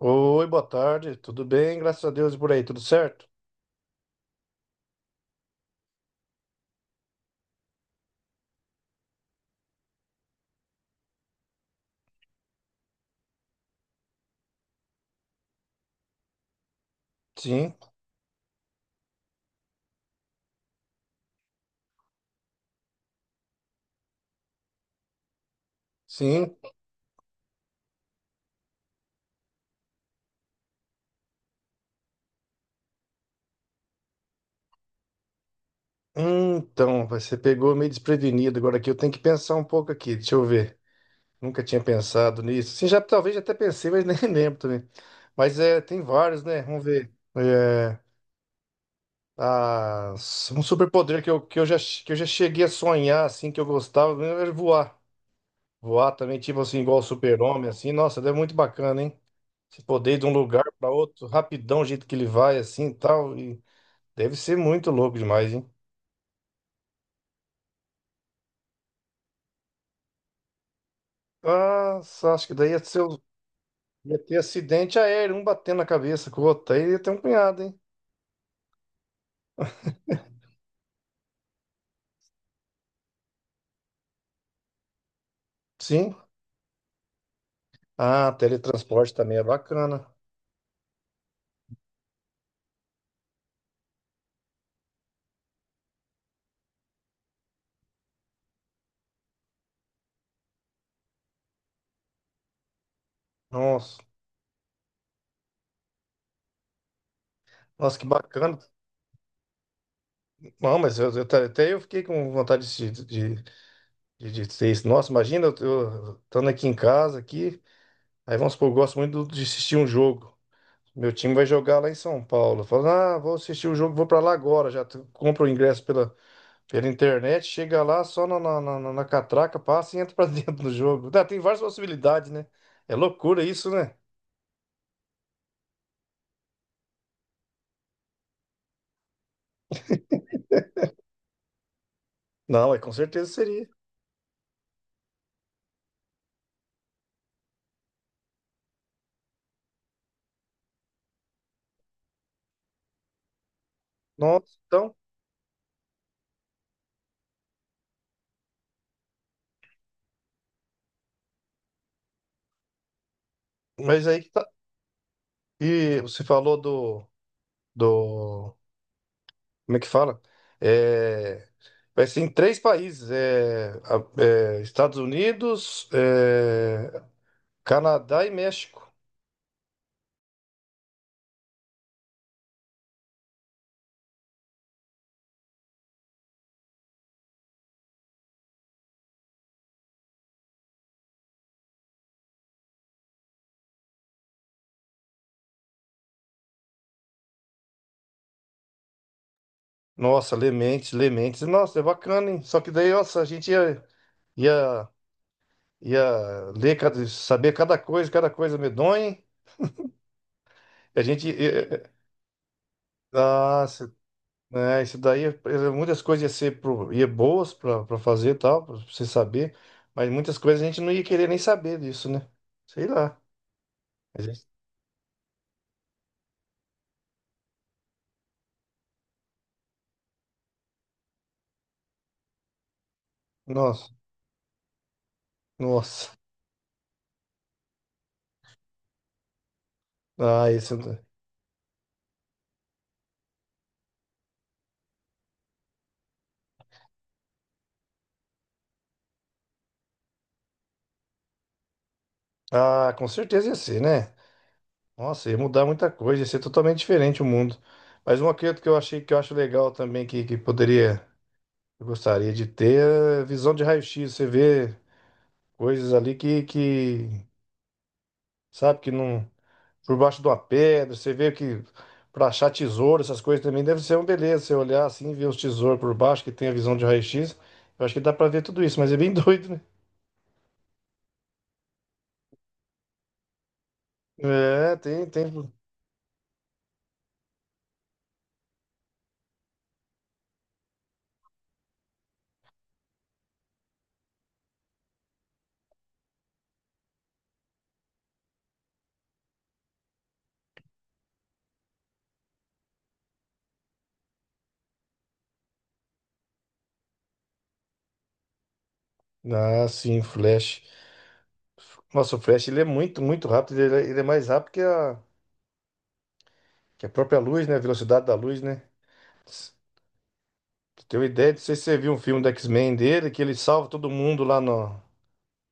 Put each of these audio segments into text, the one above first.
Oi, boa tarde. Tudo bem? Graças a Deus e por aí, tudo certo? Sim, sim. Então, você pegou meio desprevenido agora aqui. Eu tenho que pensar um pouco aqui. Deixa eu ver. Nunca tinha pensado nisso. Sim, já talvez já até pensei, mas nem lembro também. Mas é, tem vários, né? Vamos ver. É, um superpoder que eu já cheguei a sonhar, assim, que eu gostava, era voar. Voar também, tipo assim, igual o super-homem, assim. Nossa, é muito bacana, hein? Você poder ir de um lugar para outro rapidão, o jeito que ele vai, assim e tal. E deve ser muito louco demais, hein? Nossa, acho que daí ia ser, ia ter acidente aéreo, um batendo na cabeça com o outro. Aí ia ter um punhado, hein? Sim. Ah, teletransporte também é bacana. Nossa, nossa, que bacana. Não, mas até eu fiquei com vontade de ser isso. Nossa, imagina eu estando aqui em casa, aqui. Aí vamos supor, eu gosto muito de assistir um jogo. Meu time vai jogar lá em São Paulo. Fala, ah, vou assistir o jogo, vou pra lá agora. Compro o ingresso pela, pela internet, chega lá só na catraca, passa e entra pra dentro do jogo. Tá, tem várias possibilidades, né? É loucura isso, né? Não, é com certeza seria. Nossa, então, mas aí que tá. E você falou do, como é que fala? É, vai ser em três países, é, é, Estados Unidos, é, Canadá e México. Nossa, Lementes, Lementes, nossa, é bacana, hein? Só que daí, nossa, a gente ia, ia, ia ler, saber cada coisa medonha, hein? A gente, eh, eh, nossa, né, isso daí, muitas coisas ia ser pro, ia boas para fazer e tal, para você saber, mas muitas coisas a gente não ia querer nem saber disso, né? Sei lá. A gente- nossa, nossa. Ah, esse, ah, com certeza ia ser, né? Nossa, ia mudar muita coisa, ia ser totalmente diferente o mundo. Mas uma coisa que eu achei que eu acho legal também, que poderia, eu gostaria de ter, é visão de raio-x. Você vê coisas ali que, sabe, que não. Por baixo de uma pedra, você vê que para achar tesouro, essas coisas também deve ser uma beleza. Você olhar assim, ver os tesouros por baixo, que tem a visão de raio-x. Eu acho que dá para ver tudo isso, mas é bem doido, né? É, tem, tem. Ah, sim, Flash. Nossa, o Flash ele é muito, muito rápido. Ele é mais rápido que a. Que a própria luz, né? A velocidade da luz, né? Pra ideia, não sei se você viu um filme do X-Men dele, que ele salva todo mundo lá no...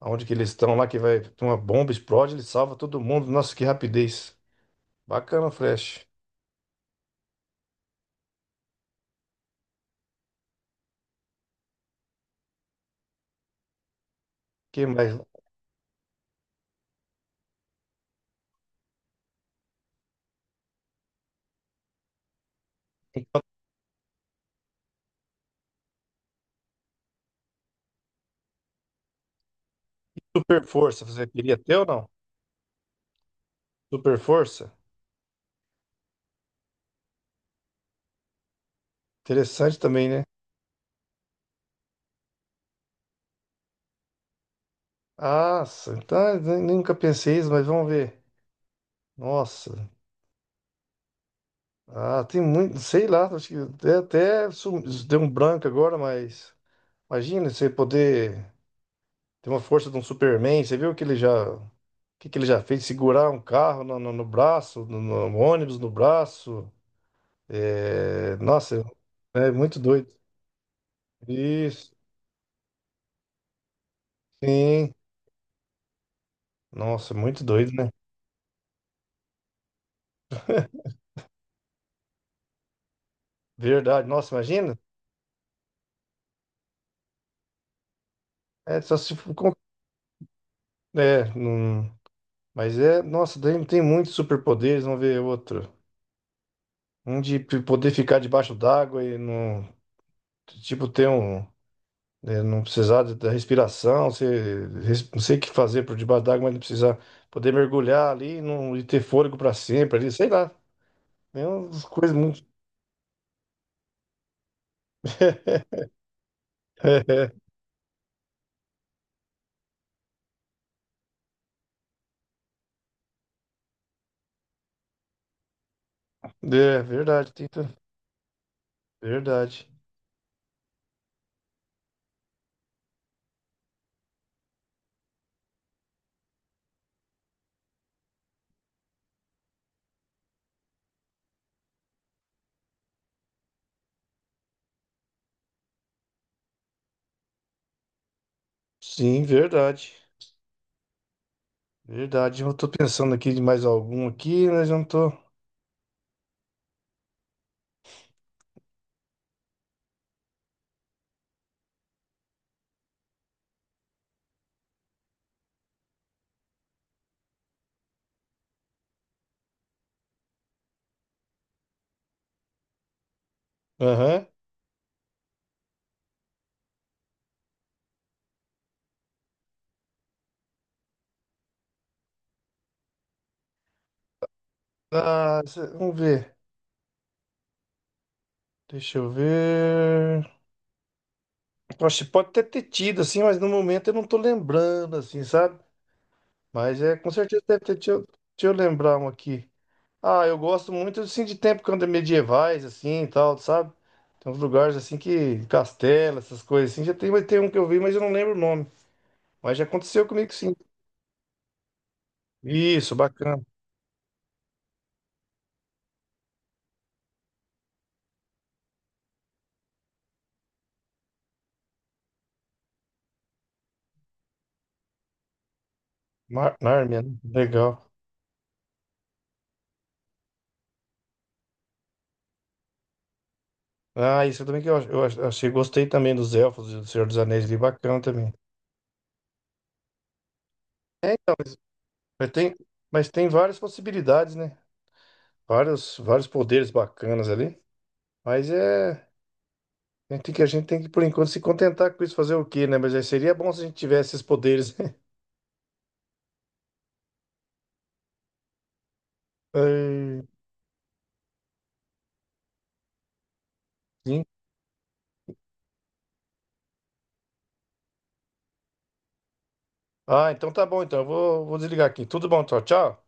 Onde que eles estão lá, que vai... Tem uma bomba, explode, ele salva todo mundo. Nossa, que rapidez. Bacana, Flash. Que mais? Super força, você queria ter ou não? Super força? Interessante também, né? Nossa, então nunca pensei isso, mas vamos ver. Nossa. Ah, tem muito, sei lá, acho que até, até deu um branco agora, mas imagina você poder tem uma força de um Superman. Você viu o que ele já, o que que ele já fez? Segurar um carro no braço, no ônibus no braço. É, nossa, é muito doido. Isso, sim. Nossa, muito doido, né? Verdade. Nossa, imagina. É, só se for com- é, não- mas é, nossa, tem, tem muitos superpoderes, vamos ver outro. Um de poder ficar debaixo d'água e não, tipo, ter um né, não precisar da respiração, você, não sei o que fazer por debaixo d'água, mas não precisar poder mergulhar ali e não, e ter fôlego para sempre ali, sei lá. É umas coisas muito. É, é verdade, Tita. Verdade. Sim, verdade. Verdade. Eu tô pensando aqui de mais algum aqui, mas eu não tô. Aham. Ah, vamos ver. Deixa eu ver. Poxa, pode até ter tido, assim, mas no momento eu não tô lembrando, assim, sabe? Mas é, com certeza deve ter. Deixa eu lembrar um aqui. Ah, eu gosto muito assim de tempo quando é medievais assim e tal, sabe? Tem uns lugares assim que castelo, essas coisas assim. Já tem, mas tem um que eu vi, mas eu não lembro o nome. Mas já aconteceu comigo sim. Isso, bacana. Nárnia, né? Legal. Ah, isso também que achei, gostei também dos elfos, do Senhor dos Anéis ali, bacana também. Mas tem, mas tem várias possibilidades, né? Vários, vários poderes bacanas ali. Mas é, a gente tem que por enquanto se contentar com isso, fazer o quê, né? Mas aí seria bom se a gente tivesse esses poderes. É, ah, então tá bom. Então vou desligar aqui. Tudo bom, tchau, tchau.